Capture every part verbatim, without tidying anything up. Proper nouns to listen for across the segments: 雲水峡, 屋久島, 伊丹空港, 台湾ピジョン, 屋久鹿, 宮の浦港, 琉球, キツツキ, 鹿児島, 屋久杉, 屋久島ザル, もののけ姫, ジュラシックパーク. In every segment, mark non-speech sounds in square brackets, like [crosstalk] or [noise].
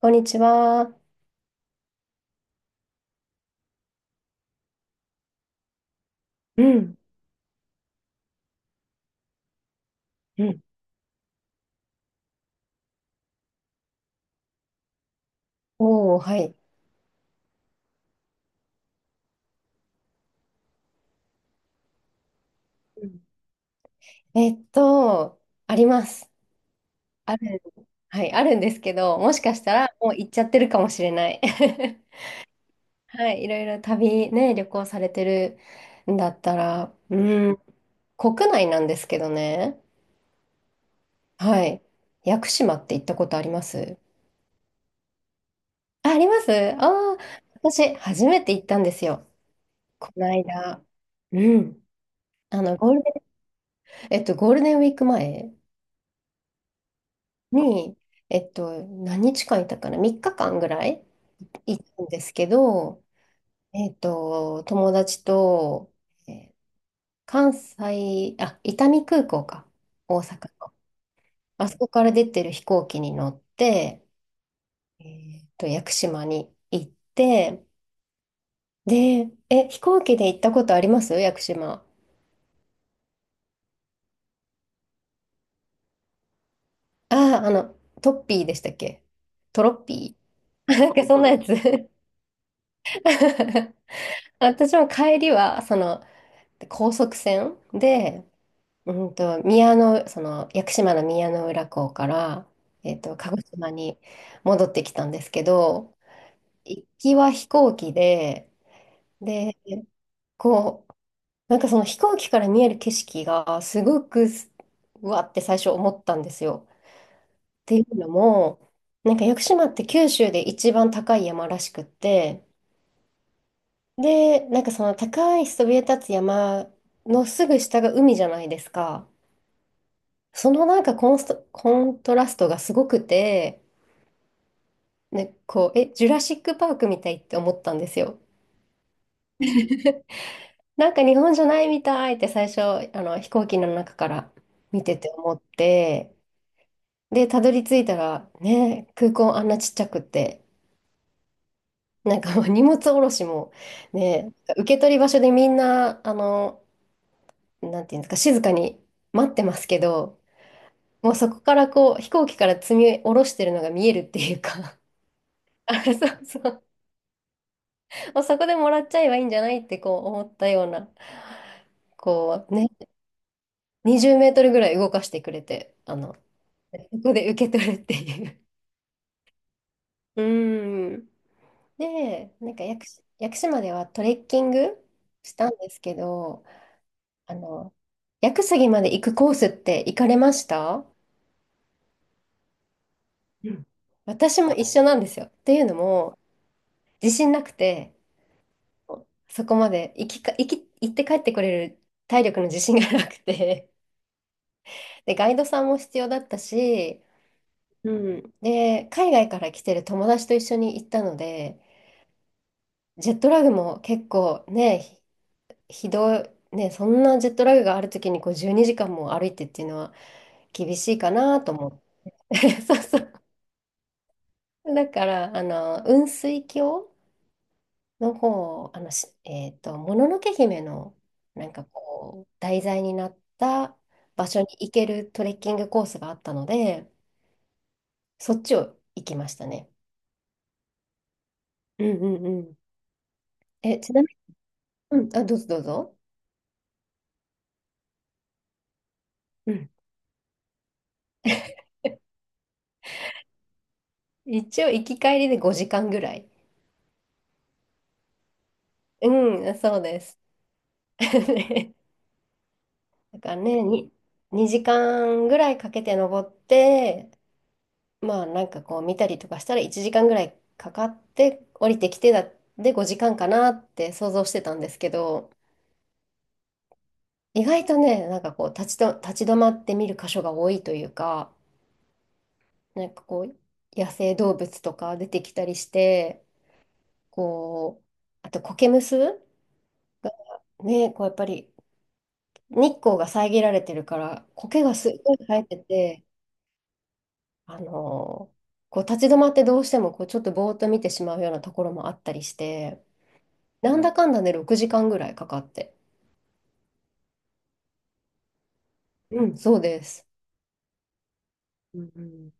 こんにちは。うん、うん、おお、はい。うん。えっと、あります。ある、はい、あるんですけど、もしかしたらもう行っちゃってるかもしれない。[laughs] はい、いろいろ旅ね、旅行されてるんだったら、うん、国内なんですけどね。はい。屋久島って行ったことあります？あ、ありますああ、私、初めて行ったんですよ。この間。うん。あの、ゴールデン、えっと、ゴールデンウィーク前に、えっと、何日間いたかな？ さん 日間ぐらいいたんですけど、えっと、友達と、えー関西、あ、伊丹空港か、大阪の。あそこから出てる飛行機に乗って、えっと、屋久島に行って、で、え、飛行機で行ったことあります、屋久島？ああ、あの、トッピーでしたっけ？トロッピー。[laughs] なんかそんなやつ。[laughs] 私も帰りは、その、で高速船で、うんと、宮の、その、屋久島の宮の浦港から、えっと、鹿児島に戻ってきたんですけど、行きは飛行機で、で、こう、なんかその飛行機から見える景色が、すごくうわって最初思ったんですよ。っていうのも、なんか屋久島って九州で一番高い山らしくって、で、なんかその高いそびえ立つ山のすぐ下が海じゃないですか。そのなんかコンスト、コントラストがすごくて、ね、こう、え、ジュラシックパークみたいって思ったんですよ。なんか日本じゃないみたいって最初、あの飛行機の中から見てて思って、で、たどり着いたら、ね、空港あんなちっちゃくって、なんかもう [laughs] 荷物下ろしも、ね、受け取り場所でみんな、あの、なんていうんですか、静かに待ってますけど、もうそこからこう、飛行機から積み下ろしてるのが見えるっていうか、[laughs] あ、そうそう。もうそこでもらっちゃえばいいんじゃないってこう思ったような、こうね、にじゅうメートルぐらい動かしてくれて、あの、そこで受け取るっていう。うん。で、なんか屋久島、屋久島ではトレッキングしたんですけど、あの、屋久杉まで行くコースって行かれました？うん、私も一緒なんですよ。っていうのも、自信なくて、そこまで行きか、行き、行って帰ってこれる体力の自信がなくて、で、ガイドさんも必要だったし、うん。で、海外から来てる友達と一緒に行ったので、ジェットラグも結構ね、ひ、ひどい、ね、そんなジェットラグがある時にこうじゅうにじかんも歩いてっていうのは厳しいかなと思って。[laughs] そうそう。だから、あの、雲水峡の方、あの、しえっと、もののけ姫のなんかこう、題材になった場所に行けるトレッキングコースがあったので、そっちを行きましたね。うんうんうん。え、ちなみに、うん、あ、どうぞどうぞ。うん。一応、行き帰りでごじかんぐらい。うん、そうです。[laughs] ね、だからね、に、にじかんぐらいかけて登って、まあなんかこう見たりとかしたらいちじかんぐらいかかって降りてきてだ、でごじかんかなって想像してたんですけど、意外とね、なんかこう立ちと立ち止まって見る箇所が多いというか、なんかこう野生動物とか出てきたりして、こう、あと苔むすがね、こうやっぱり日光が遮られてるから、苔がすっごい生えてて、あのーこう立ち止まってどうしてもこうちょっとぼーっと見てしまうようなところもあったりして、なんだかんだね、ろくじかんぐらいかかって。うん、そうです。うん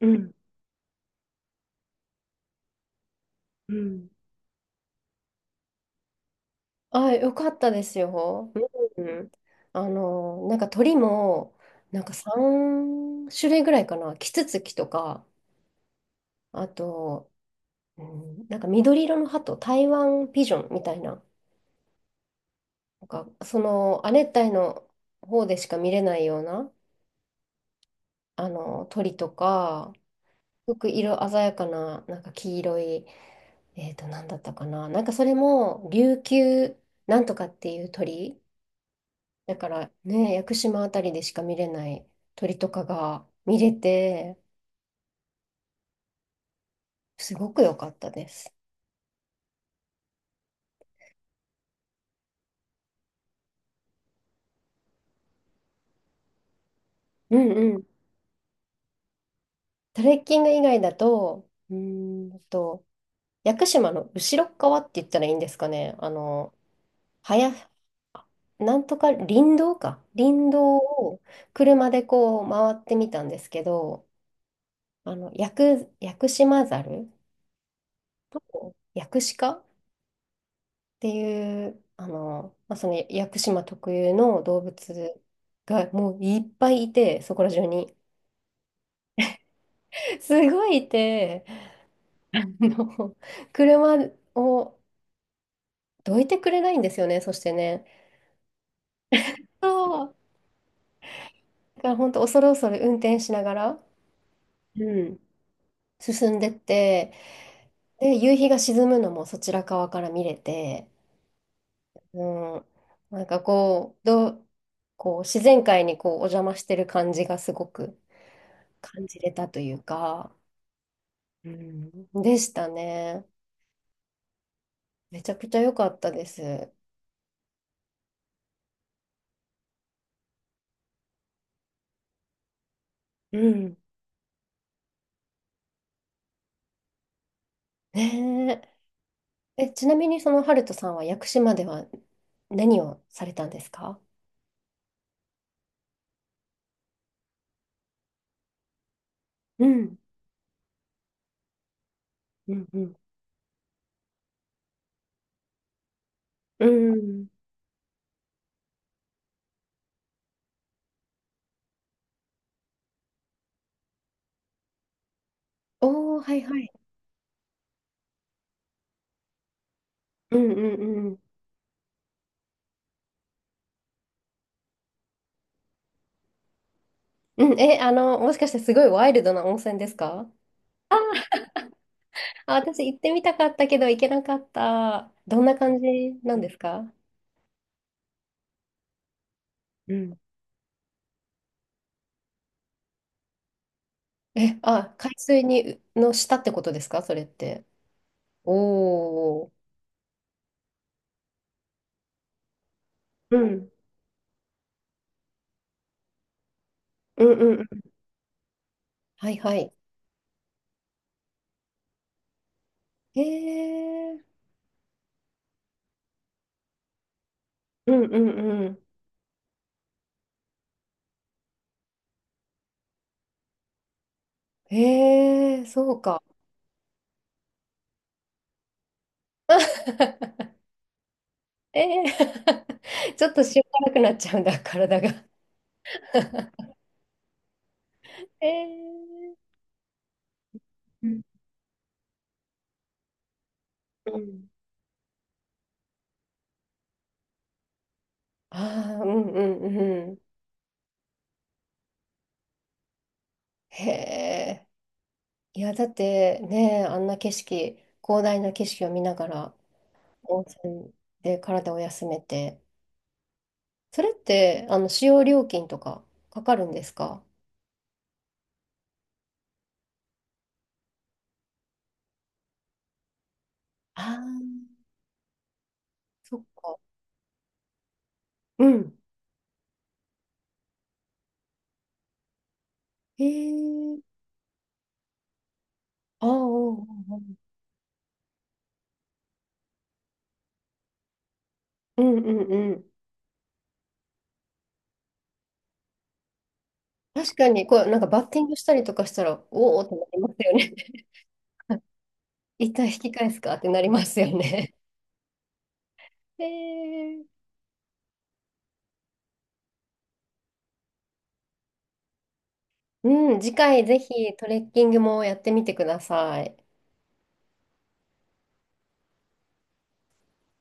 うん。うん。あ、よかったですよ。うん。あのなんか鳥も、なんかさん種類ぐらいかな、キツツキとか、あと、うん、なんか緑色の鳩、台湾ピジョンみたいな、なんかその亜熱帯の方でしか見れないようなあの鳥とか、すごく色鮮やかな、なんか黄色い、えっと、なんだったかな、なんかそれも琉球なんとかっていう鳥、だからね、屋久島あたりでしか見れない鳥とかが見れて、すごく良かったです。うんうん。トレッキング以外だと、うーんと、屋久島の後ろっ側って言ったらいいんですかね。あの、はや、なんとか林道か。林道を車でこう回ってみたんですけど、あの、屋久、屋久島ザルと屋久鹿っていう、あの、まあ、その屋久島特有の動物がもういっぱいいて、そこら中に。[laughs] すごいいて、あの、車をどいてくれないんですよね、そしてね。そう、だから本当恐る恐る運転しながら、うん。進んでって、で、夕日が沈むのもそちら側から見れて、うん、なんかこう、どう、こう自然界にこうお邪魔してる感じがすごく感じれたというか、うん、でしたね。めちゃくちゃ良かったです。うん。ねえ、え、ちなみにそのハルトさんは屋久島では何をされたんですか？うん。うんうん。うん。おー、はいはい。うんうんうん。うん、え、あの、もしかしてすごいワイルドな温泉ですか？あ、私行ってみたかったけど行けなかった。どんな感じなんですか？うん。え、あ、海水に、の下ってことですか、それって？おお、うんうんうんうん。はいはい。へえ。うんうんうん。へえ、そうか。[laughs] ええ。[laughs] ちょっと塩辛くなっちゃうんだ、体が。[laughs] ええ。うんうん、ああ、うんうんうん。へえ。いや、だってね、あんな景色、広大な景色を見ながら、温泉で体を休めて、それって、あの、使用料金とかかかるんですか？ああー、そっか。うん。へえ。ああ、うんうんうん。うんうん、確かに、こう、なんかバッティングしたりとかしたら、おおってなりますよね。[laughs] 一旦引き返すかってなりますよね。[laughs] へえ。うん、次回ぜひトレッキングもやってみてください。